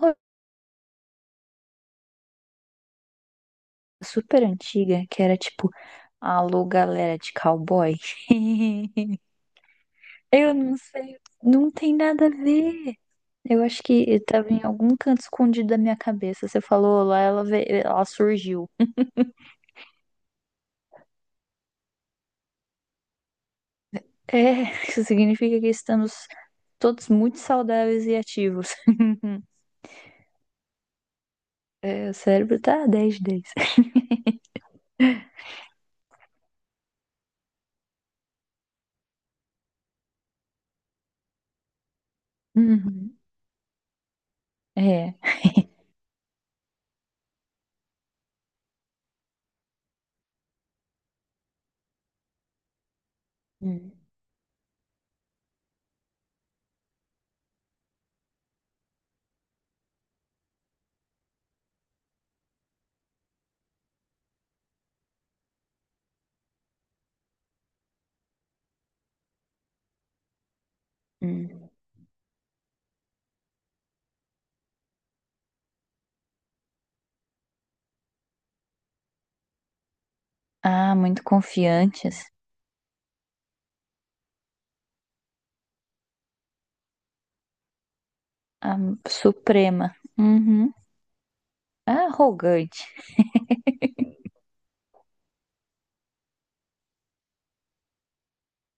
Ro- Super antiga, que era tipo, alô, galera de cowboy. Eu não sei, não tem nada a ver. Eu acho que eu tava em algum canto escondido da minha cabeça. Você falou lá, ela, ela surgiu. É, isso significa que estamos todos muito saudáveis e ativos. É, o cérebro tá dez de 10. Uhum. É. Hum, hum. Ah, muito confiantes. Ah, suprema. Uhum. Ah, arrogante.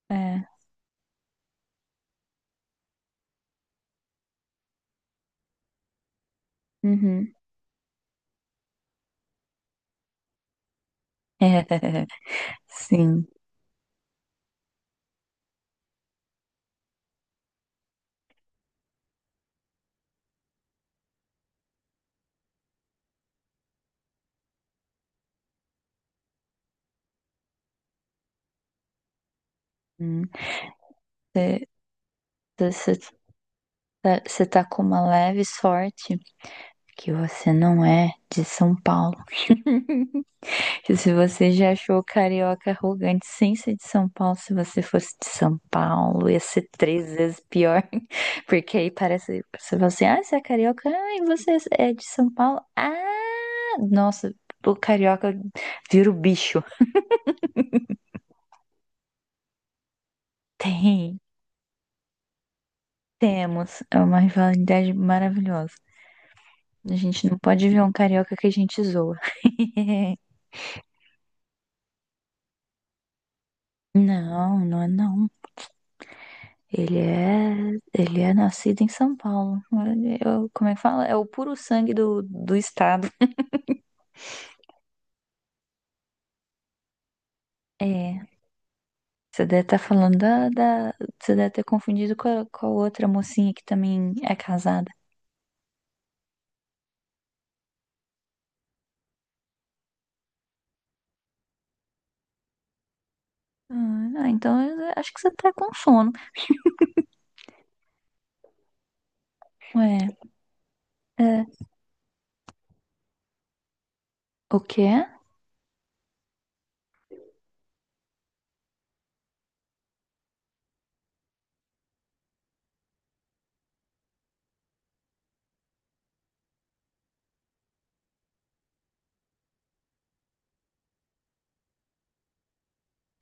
É, uhum. Sim. Hum. Você você tá você tá com uma leve sorte que você não é de São Paulo. E se você já achou o carioca arrogante sem ser de São Paulo, se você fosse de São Paulo, ia ser três vezes pior. Porque aí parece, você fala assim, ah, você é carioca, ah, e você é de São Paulo? Ah, nossa, o carioca vira o bicho. Tem. Temos, é uma rivalidade maravilhosa. A gente não pode ver um carioca que a gente zoa. Não, não é não. Ele é, ele é nascido em São Paulo. Ele- eu- como é que fala? É o puro sangue do, do estado. É, você deve estar falando da, você deve ter confundido com a, outra mocinha que também é casada. Ah, ah, então eu acho que você tá com sono. Ué, é, o quê?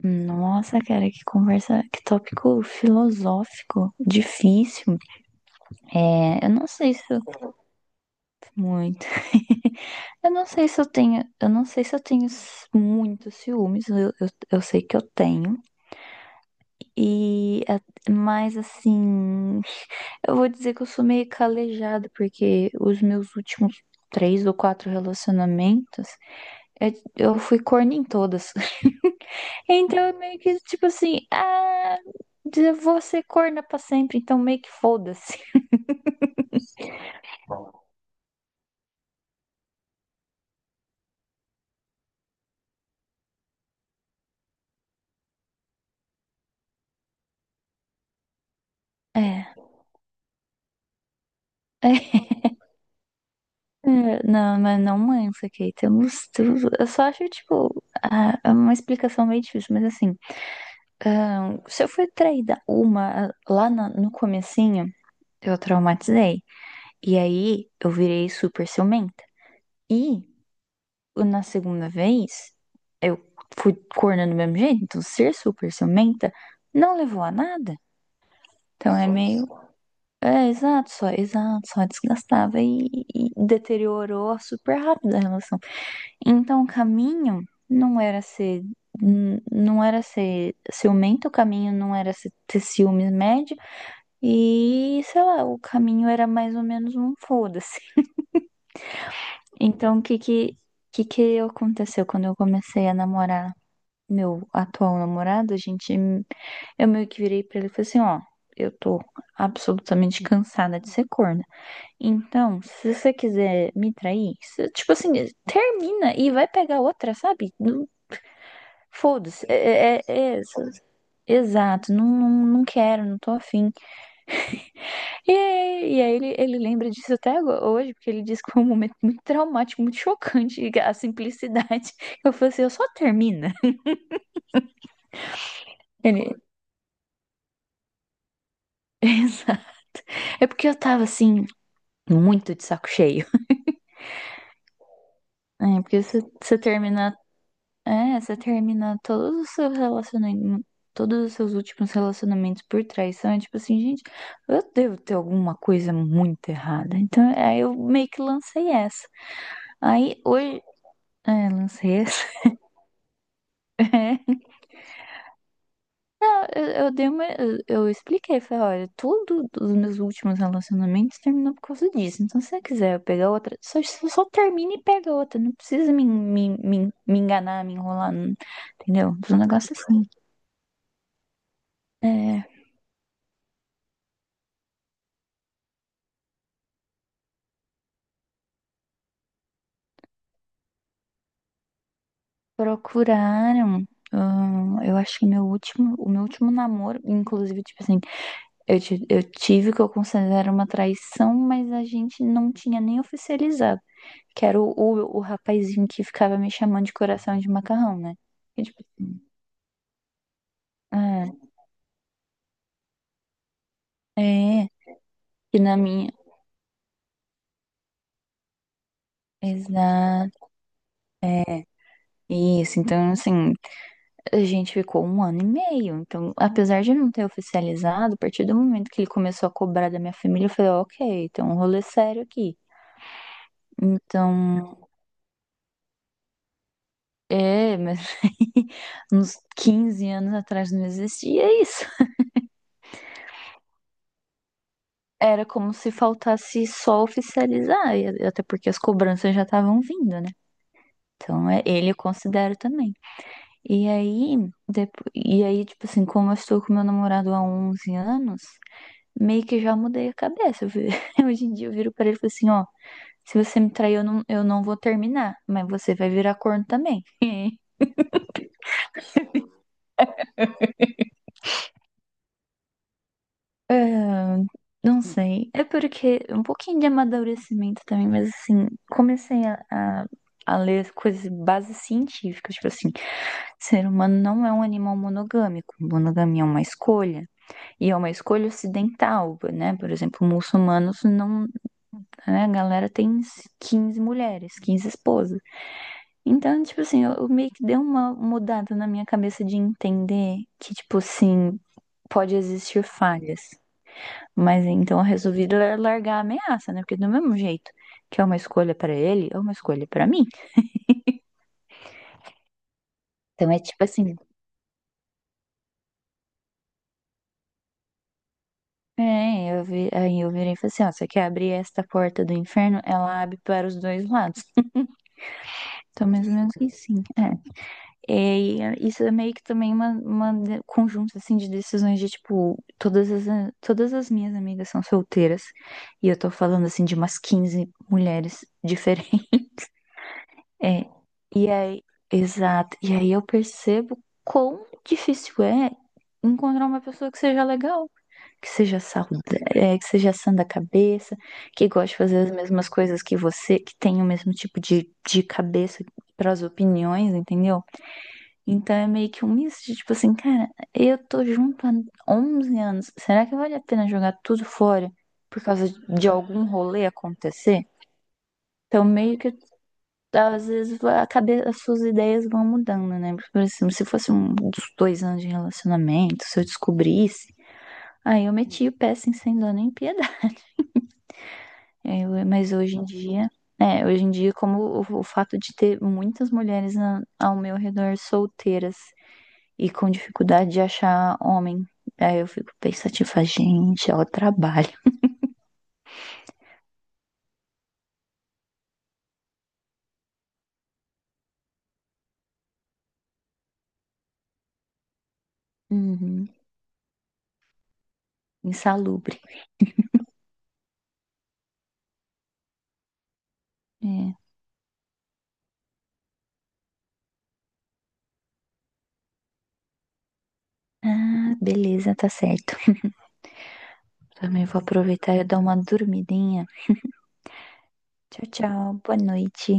Nossa, cara, que conversa, que tópico filosófico, difícil. É, eu não sei se eu muito. Eu não sei se eu tenho muitos ciúmes. Eu sei que eu tenho. E mas assim, eu vou dizer que eu sou meio calejada porque os meus últimos três ou quatro relacionamentos, eu fui corna em todas. Então é meio que tipo assim, ah, eu vou ser corna pra sempre, então meio que foda-se. É. É, não, mas não mansa, Kate. Eu, não, eu só acho, tipo, ah, é uma explicação meio difícil, mas assim, ah, se eu fui traída lá no comecinho, eu traumatizei. E aí eu virei super ciumenta. E na segunda vez, eu fui cornando do mesmo jeito. Então, ser super ciumenta não levou a nada. Então, é só meio, desculpa. É, exato, só desgastava e deteriorou super rápido a relação. Então, o caminho não era ser. Não era ser ciumento, o caminho não era ter ciúmes médio, e sei lá, o caminho era mais ou menos um foda-se. Então, o que que aconteceu quando eu comecei a namorar meu atual namorado? Eu meio que virei pra ele e falei assim, ó, eu tô absolutamente cansada de ser corna. Então, se você quiser me trair, você- tipo assim, termina e vai pegar outra, sabe? Não, foda-se, exato, não, não, não quero, não tô afim. E, e aí ele, lembra disso até hoje, porque ele disse que foi um momento muito traumático, muito chocante, a simplicidade. Eu falei assim, eu só termina. Ele. Exato. É porque eu tava assim, muito de saco cheio. É, porque você termina. É, você termina todos os seus relacionamentos. Todos os seus últimos relacionamentos por traição. É tipo assim, gente, eu devo ter alguma coisa muito errada. Então, aí eu meio que lancei essa. Aí hoje. É, lancei essa. Eu expliquei, falei, olha, tudo dos meus últimos relacionamentos terminou por causa disso. Então, se você quiser eu pegar outra, só termina e pega outra. Não precisa me enganar, me enrolar, entendeu? Foi um negócio assim. É, procuraram. Eu acho que meu último, namoro, inclusive, tipo assim, eu tive o que eu considero uma traição, mas a gente não tinha nem oficializado. Que era o rapazinho que ficava me chamando de coração de macarrão, né? E, tipo, assim, ah, é. E na minha. Exato. É isso. Então, assim, a gente ficou um ano e meio. Então, apesar de não ter oficializado, a partir do momento que ele começou a cobrar da minha família, eu falei, ok, tem um rolê é sério aqui. Então, mas aí, uns 15 anos atrás não existia isso. Era como se faltasse só oficializar, e até porque as cobranças já estavam vindo, né? Então, é- ele eu considero também. E aí, depois, tipo assim, como eu estou com meu namorado há 11 anos, meio que já mudei a cabeça. Hoje em dia eu viro pra ele e falo assim, ó, se você me trair, eu não vou terminar, mas você vai virar corno também. Ah, não sei. É porque um pouquinho de amadurecimento também, mas assim, comecei a, a ler coisas, bases científicas, tipo assim, ser humano não é um animal monogâmico. Monogamia é uma escolha. E é uma escolha ocidental, né? Por exemplo, muçulmanos não. Né? A galera tem 15 mulheres, 15 esposas. Então, tipo assim, eu meio que deu uma mudada na minha cabeça de entender que, tipo assim, pode existir falhas. Mas então eu resolvi largar a ameaça, né? Porque do mesmo jeito que é uma escolha pra ele, é uma escolha pra mim. Então é tipo assim. É, eu vi, aí eu virei e falei assim, ó, você quer abrir esta porta do inferno? Ela abre para os dois lados. Então, mais ou menos assim, é. É, e é- isso é meio que também uma, conjunto assim de decisões de tipo, todas as minhas amigas são solteiras e eu tô falando assim de umas 15 mulheres diferentes. É, e aí, exato. E aí eu percebo quão difícil é encontrar uma pessoa que seja legal, que seja saudável, que seja sã da cabeça, que goste de fazer as mesmas coisas que você, que tenha o mesmo tipo de cabeça para as opiniões, entendeu? Então é meio que um misto de tipo assim, cara, eu tô junto há 11 anos. Será que vale a pena jogar tudo fora por causa de algum rolê acontecer? Então meio que às vezes vai- a cabeça, as suas ideias vão mudando, né? Por exemplo, se fosse um dos 2 anos de relacionamento, se eu descobrisse, aí eu metia o pé assim, sem dó nem piedade. Aí eu- mas hoje em dia, é, hoje em dia, como o fato de ter muitas mulheres ao meu redor solteiras e com dificuldade de achar homem. Aí eu fico pensativa, tipo, gente, ó, trabalho. Uhum. Insalubre. É. Ah, beleza, tá certo. Também vou aproveitar e dar uma dormidinha. Tchau, tchau. Boa noite.